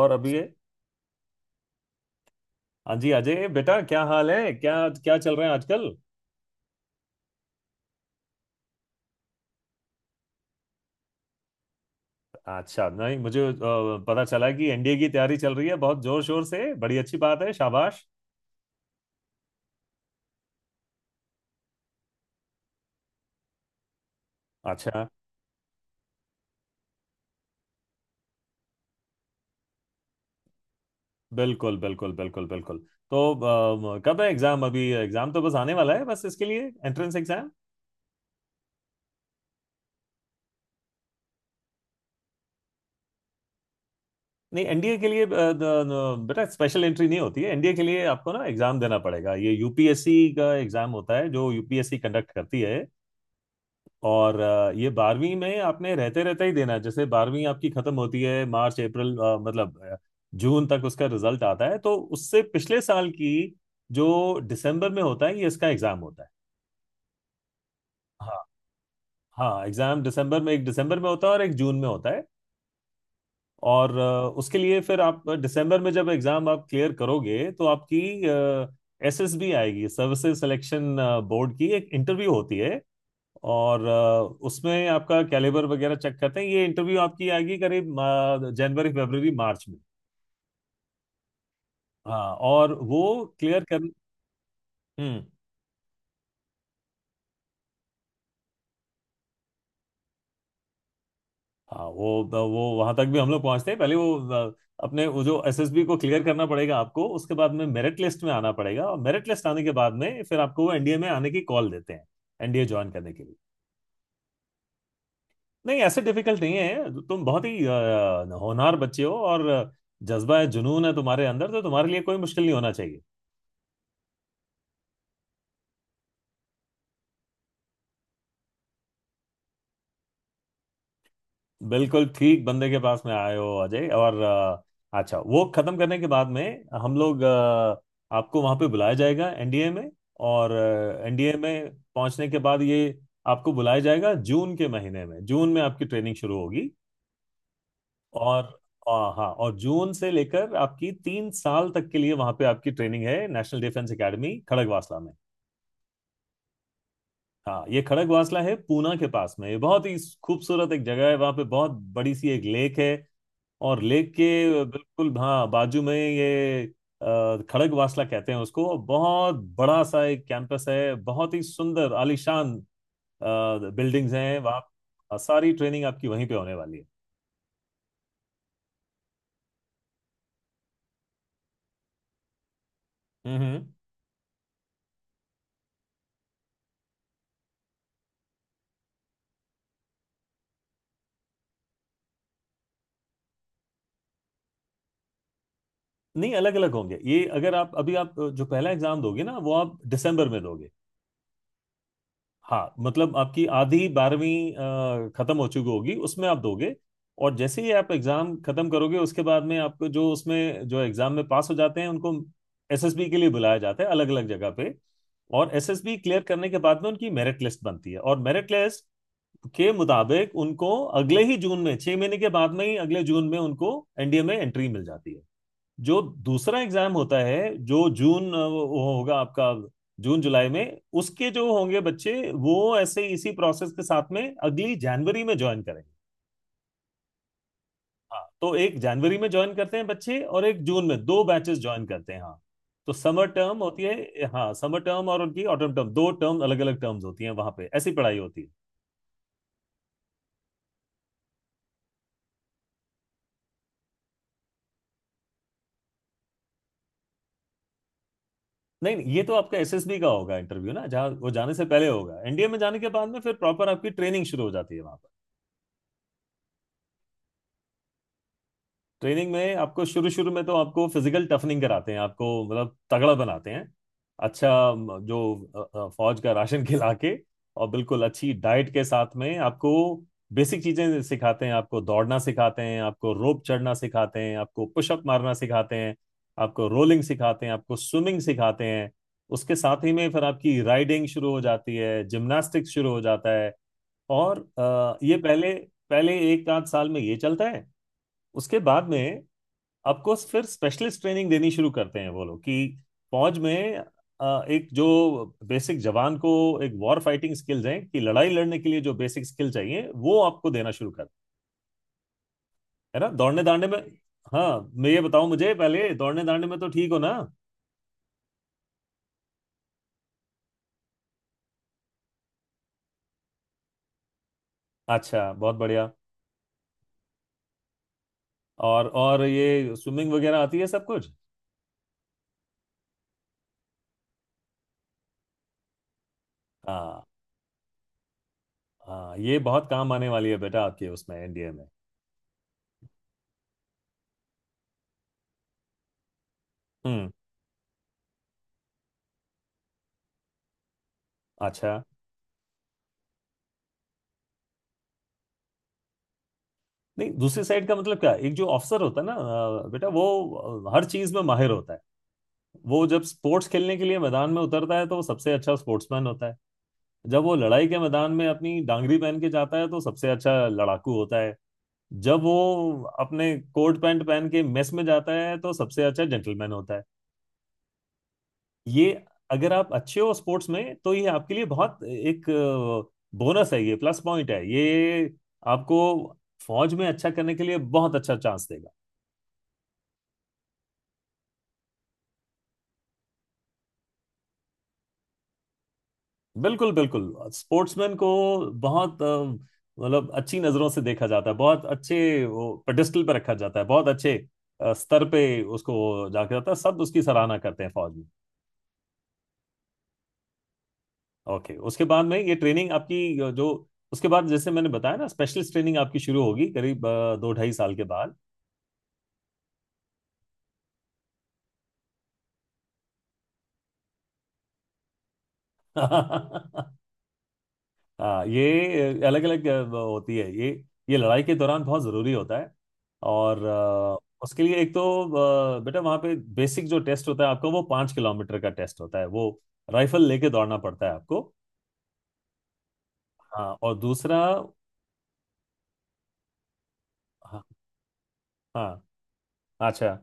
और अभी ये, हाँ जी अजय बेटा, क्या हाल है? क्या क्या चल रहा है आजकल? अच्छा, नहीं मुझे पता चला कि एनडीए की तैयारी चल रही है, बहुत जोर शोर से। बड़ी अच्छी बात है, शाबाश। अच्छा। बिल्कुल बिल्कुल बिल्कुल बिल्कुल। तो कब है एग्जाम? अभी एग्जाम तो बस आने वाला है, बस इसके लिए एंट्रेंस एग्जाम। नहीं, एनडीए के लिए बेटा स्पेशल एंट्री नहीं होती है एनडीए के लिए। आपको ना एग्जाम देना पड़ेगा, ये यूपीएससी का एग्जाम होता है जो यूपीएससी कंडक्ट करती है। और ये बारहवीं में आपने रहते रहते ही देना है। जैसे बारहवीं आपकी खत्म होती है मार्च अप्रैल मतलब जून तक उसका रिजल्ट आता है, तो उससे पिछले साल की जो दिसंबर में होता है, ये इसका एग्जाम होता है। हाँ। हाँ एग्जाम दिसंबर में, एक दिसंबर में होता है और एक जून में होता है। और उसके लिए फिर आप दिसंबर में जब एग्जाम आप क्लियर करोगे तो आपकी एसएसबी आएगी, सर्विसेज सिलेक्शन बोर्ड की एक इंटरव्यू होती है। और उसमें आपका कैलिबर वगैरह चेक करते हैं। ये इंटरव्यू आपकी आएगी करीब जनवरी फरवरी मार्च में। हाँ और वो क्लियर कर। हम्म। हाँ वो वहां तक भी हम लोग पहुंचते हैं। पहले वो अ, अपने वो जो एसएसबी को क्लियर करना पड़ेगा आपको, उसके बाद में मेरिट लिस्ट में आना पड़ेगा, और मेरिट लिस्ट आने के बाद में फिर आपको वो एनडीए में आने की कॉल देते हैं एनडीए ज्वाइन करने के लिए। नहीं ऐसे डिफिकल्ट नहीं है, तुम बहुत ही होनहार बच्चे हो और जज्बा है जुनून है तुम्हारे अंदर, तो तुम्हारे लिए कोई मुश्किल नहीं होना चाहिए। बिल्कुल ठीक बंदे के पास में आए हो अजय। और अच्छा वो खत्म करने के बाद में हम लोग आपको वहां पे बुलाया जाएगा एनडीए में। और एनडीए में पहुंचने के बाद ये आपको बुलाया जाएगा जून के महीने में। जून में आपकी ट्रेनिंग शुरू होगी। और अ, हाँ, और जून से लेकर आपकी 3 साल तक के लिए वहां पे आपकी ट्रेनिंग है, नेशनल डिफेंस एकेडमी खड़गवासला में। हाँ ये खड़गवासला है, पूना के पास में। ये बहुत ही खूबसूरत एक जगह है, वहां पे बहुत बड़ी सी एक लेक है, और लेके बिल्कुल, हाँ, बाजू में ये खड़गवासला कहते हैं उसको। बहुत बड़ा सा एक कैंपस है, बहुत ही सुंदर आलीशान बिल्डिंग्स हैं वहाँ। सारी ट्रेनिंग आपकी वहीं पे होने वाली है। हम्म। नहीं अलग अलग होंगे, ये अगर आप अभी आप जो पहला एग्जाम दोगे ना, वो आप दिसंबर में दोगे। हाँ, मतलब आपकी आधी बारहवीं खत्म हो चुकी होगी उसमें आप दोगे। और जैसे ही आप एग्जाम खत्म करोगे उसके बाद में आपको जो उसमें जो एग्जाम में पास हो जाते हैं उनको एसएसबी के लिए बुलाया जाता है अलग अलग जगह पे। और एसएसबी क्लियर करने के बाद में उनकी मेरिट लिस्ट बनती है, और मेरिट लिस्ट के मुताबिक उनको अगले ही जून में, 6 महीने के बाद में ही अगले जून में, उनको एनडीए में एंट्री मिल जाती है। जो दूसरा एग्जाम होता है, जो जून वो होगा आपका जून जुलाई में। उसके जो होंगे बच्चे, वो ऐसे इसी प्रोसेस के साथ में अगली जनवरी में ज्वाइन करेंगे। हाँ, तो एक जनवरी में ज्वाइन करते हैं बच्चे और एक जून में, दो बैचेस ज्वाइन करते हैं, हाँ। तो समर टर्म होती है, हाँ, समर टर्म और उनकी ऑटम टर्म, दो टर्म, अलग अलग टर्म्स होती हैं वहां पे, ऐसी पढ़ाई होती है। नहीं नहीं, ये तो आपका एसएसबी का होगा इंटरव्यू ना, जहाँ वो जाने से पहले होगा। एनडीए में जाने के बाद में फिर प्रॉपर आपकी ट्रेनिंग शुरू हो जाती है वहां। ट्रेनिंग में आपको शुरू शुरू में तो आपको फिजिकल टफनिंग कराते हैं, आपको मतलब तगड़ा बनाते हैं। अच्छा, जो फौज का राशन खिला के और बिल्कुल अच्छी डाइट के साथ में आपको बेसिक चीजें सिखाते हैं। आपको दौड़ना सिखाते हैं, आपको रोप चढ़ना सिखाते हैं, आपको पुशअप मारना सिखाते हैं, आपको रोलिंग सिखाते हैं, आपको स्विमिंग सिखाते हैं। उसके साथ ही में फिर आपकी राइडिंग शुरू हो जाती है, जिम्नास्टिक्स शुरू हो जाता है। और ये पहले पहले एक आध साल में ये चलता है। उसके बाद में आपको फिर स्पेशलिस्ट ट्रेनिंग देनी शुरू करते हैं वो लोग, कि फौज में एक जो बेसिक जवान को एक वॉर फाइटिंग स्किल्स हैं, कि लड़ाई लड़ने के लिए जो बेसिक स्किल चाहिए वो आपको देना शुरू कर। है ना? दौड़ने दांडे में, हाँ, मैं ये बताऊं, मुझे पहले दौड़ने दांडे में तो ठीक हो ना? अच्छा, बहुत बढ़िया। और ये स्विमिंग वगैरह आती है सब कुछ? हाँ। हाँ ये बहुत काम आने वाली है बेटा आपके उसमें एनडीए में। हम्म। अच्छा। नहीं, दूसरी साइड का मतलब क्या? एक जो ऑफिसर होता है ना बेटा, वो हर चीज में माहिर होता है। वो जब स्पोर्ट्स खेलने के लिए मैदान में उतरता है तो वो सबसे अच्छा स्पोर्ट्समैन होता है। जब वो लड़ाई के मैदान में अपनी डांगरी पहन के जाता है तो सबसे अच्छा लड़ाकू होता है। जब वो अपने कोट पैंट पहन के मेस में जाता है तो सबसे अच्छा जेंटलमैन होता है। ये, अगर आप अच्छे हो स्पोर्ट्स में तो ये आपके लिए बहुत एक बोनस है, ये प्लस पॉइंट है ये। आपको फौज में अच्छा करने के लिए बहुत अच्छा चांस देगा। बिल्कुल बिल्कुल। स्पोर्ट्समैन को बहुत मतलब अच्छी नजरों से देखा जाता है, बहुत अच्छे, वो पेडिस्टल पे रखा जाता है, बहुत अच्छे स्तर पे उसको जाके जाता है, सब उसकी सराहना करते हैं फौज में। ओके, उसके बाद में ये ट्रेनिंग आपकी जो उसके बाद जैसे मैंने बताया ना, स्पेशलिस्ट ट्रेनिंग आपकी शुरू होगी करीब दो ढाई साल के बाद। हाँ ये अलग अलग होती है। ये लड़ाई के दौरान बहुत ज़रूरी होता है। और उसके लिए एक तो बेटा वहाँ पे बेसिक जो टेस्ट होता है आपका, वो 5 किलोमीटर का टेस्ट होता है, वो राइफल लेके दौड़ना पड़ता है आपको। हाँ और दूसरा। हाँ हाँ, अच्छा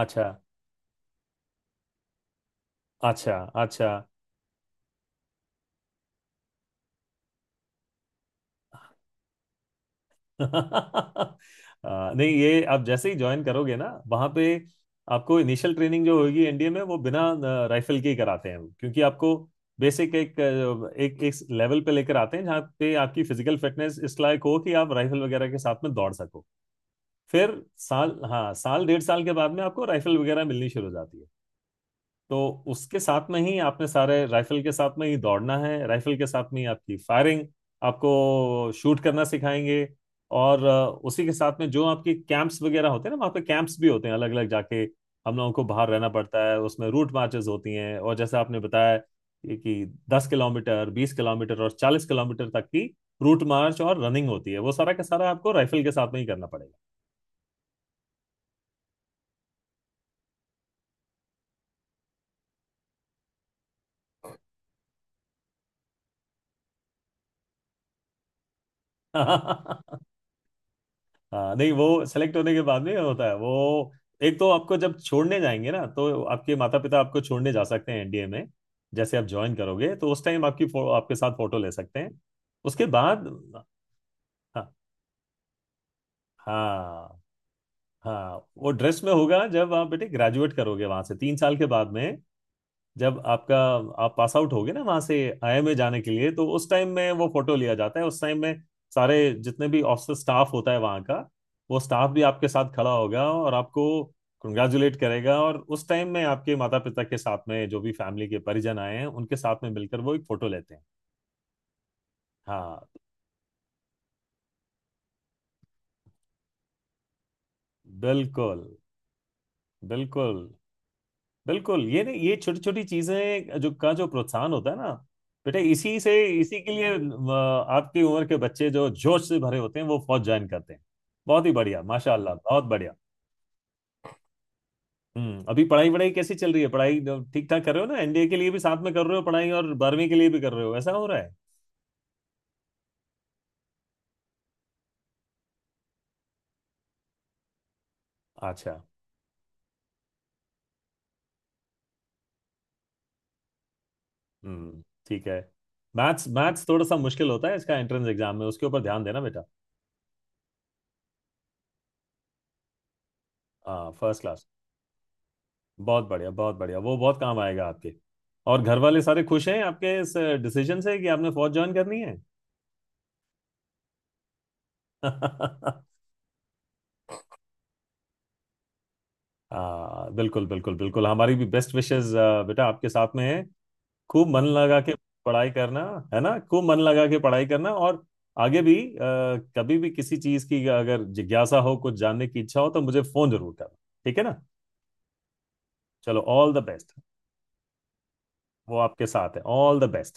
अच्छा अच्छा अच्छा। नहीं ये आप जैसे ही ज्वाइन करोगे ना वहां पे, आपको इनिशियल ट्रेनिंग जो होगी एनडीए में, वो बिना राइफल के ही कराते हैं वो। क्योंकि आपको बेसिक एक एक एक लेवल पे लेकर आते हैं जहाँ पे आपकी फिजिकल फिटनेस इस लायक हो कि आप राइफल वगैरह के साथ में दौड़ सको। फिर साल, हाँ, साल 1.5 साल के बाद में आपको राइफल वगैरह मिलनी शुरू हो जाती है। तो उसके साथ में ही आपने सारे राइफल के साथ में ही दौड़ना है, राइफल के साथ में ही आपकी फायरिंग, आपको शूट करना सिखाएंगे। और उसी के साथ में जो आपके कैंप्स वगैरह होते हैं ना, वहाँ पे कैंप्स भी होते हैं, अलग अलग जाके हम लोगों को बाहर रहना पड़ता है। उसमें रूट मार्चेस होती हैं, और जैसे आपने बताया कि 10 किलोमीटर, 20 किलोमीटर और 40 किलोमीटर तक की रूट मार्च और रनिंग होती है, वो सारा का सारा आपको राइफल के साथ में ही करना पड़ेगा। हाँ, नहीं वो सेलेक्ट होने के बाद में क्या होता है, वो एक तो आपको जब छोड़ने जाएंगे ना तो आपके माता पिता आपको छोड़ने जा सकते हैं एनडीए में। जैसे आप ज्वाइन करोगे तो उस टाइम आपकी आपके साथ फोटो ले सकते हैं। उसके बाद हाँ, हाँ, हाँ, वो ड्रेस में होगा जब आप बेटे ग्रेजुएट करोगे वहां से 3 साल के बाद में। जब आपका, आप पास आउट होगे ना वहां से आईएमए जाने के लिए, तो उस टाइम में वो फोटो लिया जाता है। उस टाइम में सारे जितने भी ऑफिसर स्टाफ होता है वहां का, वो स्टाफ भी आपके साथ खड़ा होगा और आपको कंग्रेचुलेट करेगा, और उस टाइम में आपके माता पिता के साथ में जो भी फैमिली के परिजन आए हैं उनके साथ में मिलकर वो एक फोटो लेते हैं। हाँ। बिल्कुल बिल्कुल। बिल्कुल, ये नहीं, ये छोटी छोटी चीजें जो का जो प्रोत्साहन होता है ना बेटा, इसी से, इसी के लिए आपकी उम्र के बच्चे जो जोश से भरे होते हैं वो फौज ज्वाइन करते हैं। बहुत ही बढ़िया, माशाल्लाह, बहुत बढ़िया। हम्म। अभी पढ़ाई वढ़ाई कैसी चल रही है? पढ़ाई ठीक ठाक कर रहे हो ना? एनडीए के लिए भी साथ में कर रहे हो पढ़ाई और बारहवीं के लिए भी कर रहे हो, ऐसा हो रहा है? अच्छा। हम्म। ठीक है। मैथ्स मैथ्स थोड़ा सा मुश्किल होता है इसका एंट्रेंस एग्जाम में, उसके ऊपर ध्यान देना बेटा। हाँ फर्स्ट क्लास। बहुत बढ़िया बहुत बढ़िया, वो बहुत काम आएगा आपके। और घर वाले सारे खुश हैं आपके इस डिसीजन से कि आपने फौज ज्वाइन करनी है? हाँ बिल्कुल बिल्कुल बिल्कुल। हमारी भी बेस्ट विशेस बेटा आपके साथ में है। खूब मन लगा के पढ़ाई करना, है ना, खूब मन लगा के पढ़ाई करना, और आगे भी कभी भी किसी चीज की अगर जिज्ञासा हो, कुछ जानने की इच्छा हो, तो मुझे फोन जरूर करना। ठीक है ना? चलो ऑल द बेस्ट। वो आपके साथ है, ऑल द बेस्ट।